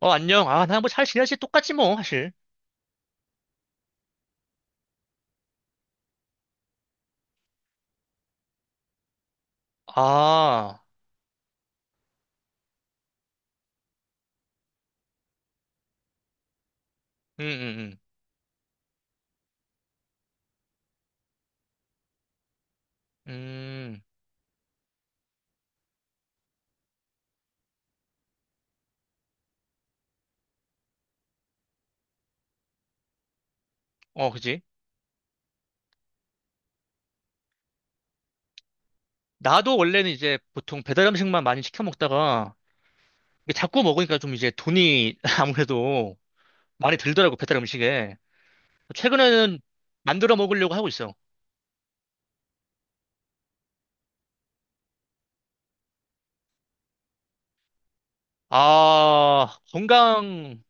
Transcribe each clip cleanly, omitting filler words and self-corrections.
어, 안녕. 아, 나 뭐 잘 지내지? 똑같지 뭐, 사실. 아, 음, 음, 음. 음, 어, 그지? 나도 원래는 이제 보통 배달 음식만 많이 시켜 먹다가 이게 자꾸 먹으니까 좀 이제 돈이 아무래도 많이 들더라고, 배달 음식에. 최근에는 만들어 먹으려고 하고 있어. 아, 건강,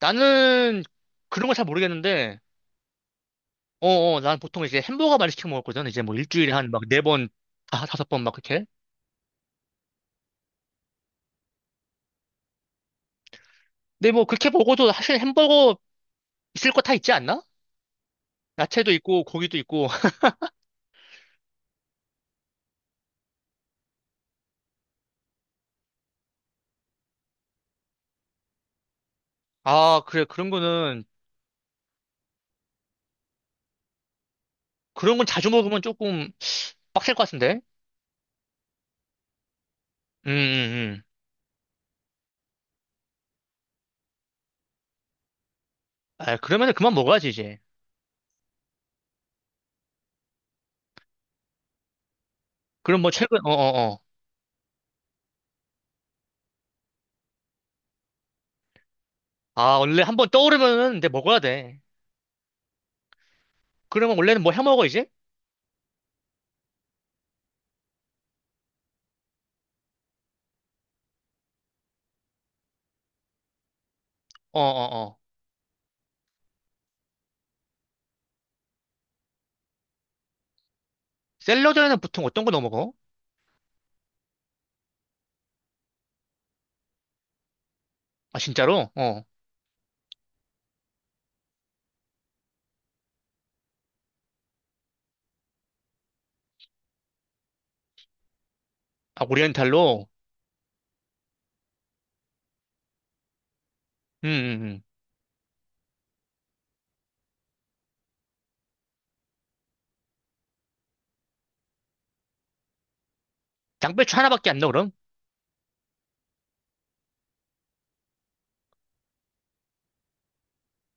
나는 그런 걸 잘 모르겠는데, 어, 어, 난 보통 이제 햄버거 많이 시켜 먹었거든. 이제 뭐 일주일에 한 막 네 번, 다섯 번 막 그렇게. 근데 뭐 그렇게 먹어도 사실 햄버거 있을 거 다 있지 않나? 야채도 있고 고기도 있고. 아, 그래. 그런 거는 그런 건 자주 먹으면 조금 빡셀 것 같은데. 음, 음, 음. 아, 그러면은 그만 먹어야지 이제. 그럼 뭐 최근 어, 어, 어. 아, 원래 한번 떠오르면은 이제 먹어야 돼. 그러면 원래는 뭐 해 먹어 이제? 어, 어, 어. 샐러드에는 보통 어떤 거 넣어 먹어? 아, 진짜로? 어. 아, 오리엔탈로. 음, 음, 음. 양배추 하나밖에 안 넣어 그럼?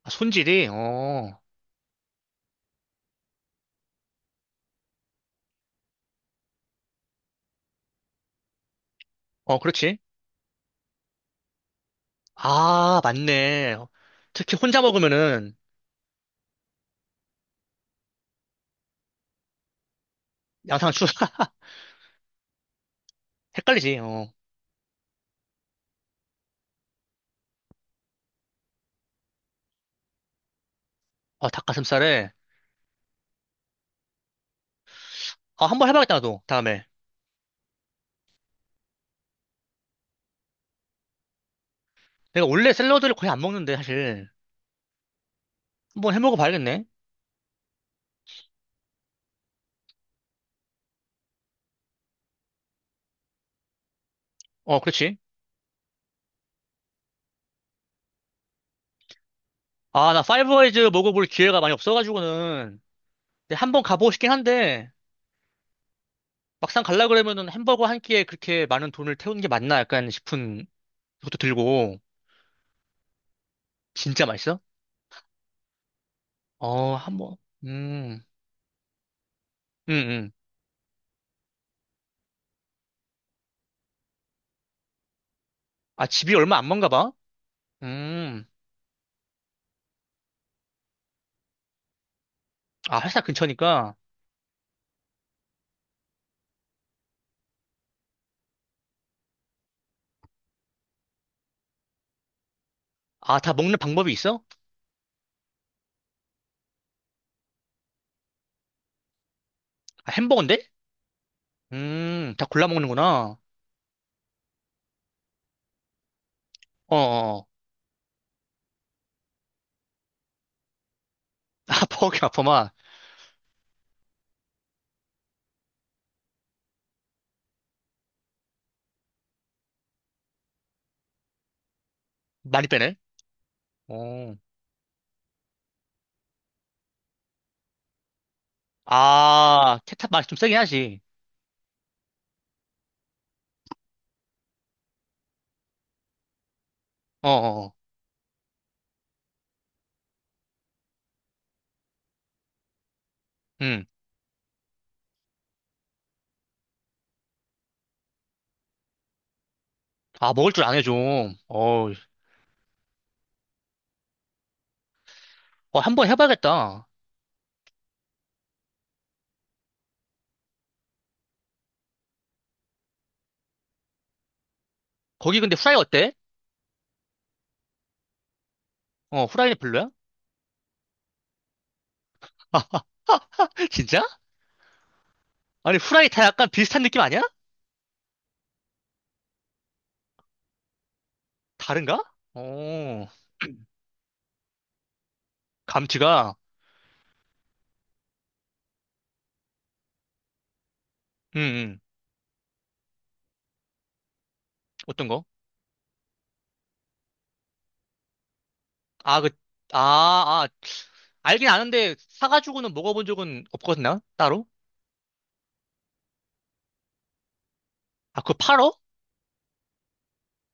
아, 손질이. 어. 어, 그렇지. 아, 맞네. 특히 혼자 먹으면은 양상추. 헷갈리지. 어. 아, 닭가슴살에. 아, 한번 해봐야겠다, 나도. 다음에. 내가 원래 샐러드를 거의 안 먹는데, 사실. 한번 해먹어 봐야겠네. 어, 그렇지. 아, 나 파이브와이즈 먹어볼 기회가 많이 없어가지고는. 근데 한번 가보고 싶긴 한데, 막상 갈라 그러면은 햄버거 한 끼에 그렇게 많은 돈을 태우는 게 맞나 약간 싶은 것도 들고. 진짜 맛있어? 어, 한번. 음, 음, 음. 아, 집이 얼마 안 먼가 봐? 음. 아, 회사 근처니까. 아, 다 먹는 방법이 있어? 아, 햄버거인데? 다 골라 먹는구나. 어어. 아, 버거킹 아퍼마. 많이 빼네. 어. 아, 케찹 맛이 좀 세긴 하지. 어, 어, 어. 음. 아, 먹을 줄 아네, 좀. 어, 어, 한번 해봐야겠다. 거기 근데 후라이 어때? 어, 후라이는 별로야? 아, 진짜? 아니, 후라이 다 약간 비슷한 느낌 아니야? 다른가? 어, 감튀가, 음, 음. 어떤 거? 아, 그, 아, 아, 알긴 아는데, 사가지고는 먹어본 적은 없거든, 나? 따로? 아, 그거 팔어?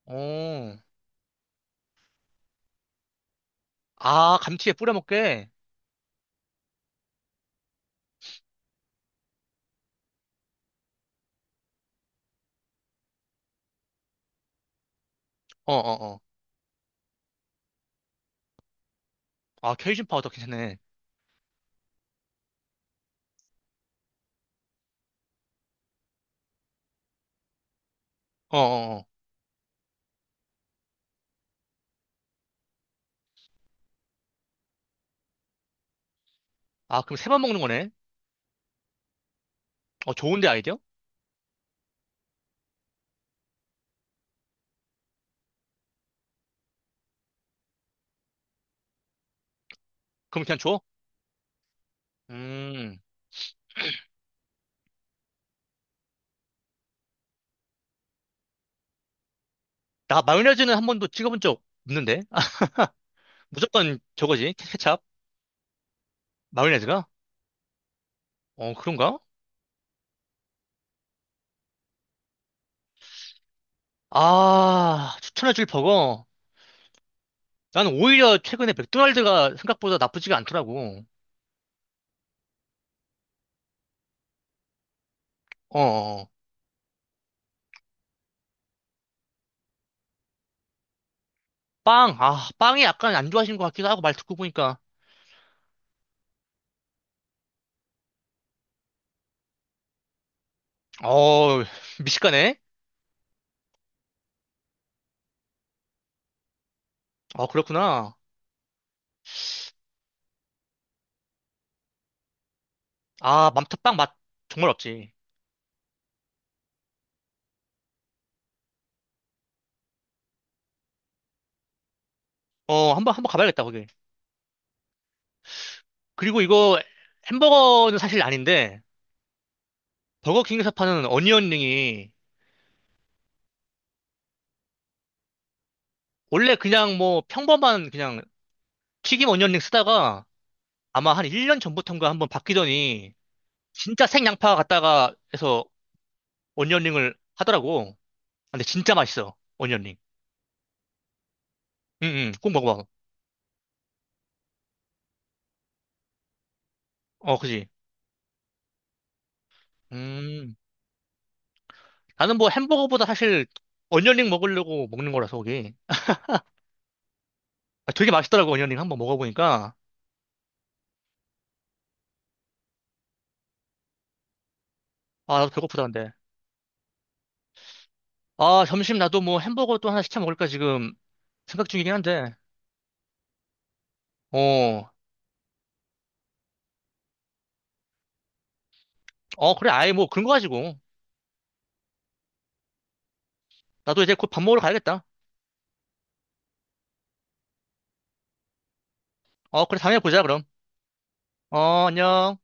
어. 아, 감튀에 뿌려 먹게. 어어어. 아, 케이준 파우더 괜찮네. 어, 어, 어. 아, 그럼 세 번 먹는 거네? 어, 좋은데, 아이디어? 그럼 그냥 줘? 음, 나 마요네즈는 한 번도 찍어본 적 없는데? 아, 무조건 저거지, 케찹? 마요네즈가? 어, 그런가? 아, 추천해줄 버거. 나는 오히려 최근에 맥도날드가 생각보다 나쁘지가 않더라고. 어, 어. 어. 빵, 아, 빵이 약간 안 좋아하시는 것 같기도 하고, 말 듣고 보니까. 어, 미식가네? 어, 그렇구나. 아, 맘터빵 맛 정말 없지. 어, 한번, 한번 가봐야겠다, 거기. 그리고 이거 햄버거는 사실 아닌데 버거킹에서 파는 어니언링이 원래 그냥 뭐 평범한 그냥 튀김 어니언링 쓰다가 아마 한 1년 전부터인가 한번 바뀌더니 진짜 생양파 갖다가 해서 어니언링을 하더라고. 아, 근데 진짜 맛있어. 어니언링. 응응. 꼭 먹어봐. 어, 그지. 음. 나는 뭐 햄버거보다 사실 어니언링 먹으려고 먹는 거라서 그게. 아, 되게 맛있더라고 어니언링 한번 먹어보니까. 아, 나도 배고프다 근데. 아, 점심 나도 뭐 햄버거 또 하나 시켜 먹을까 지금 생각 중이긴 한데. 어, 어, 그래. 아예 뭐 그런 거 가지고. 나도 이제 곧 밥 먹으러 가야겠다. 어, 그래. 다음에 보자, 그럼. 어, 안녕.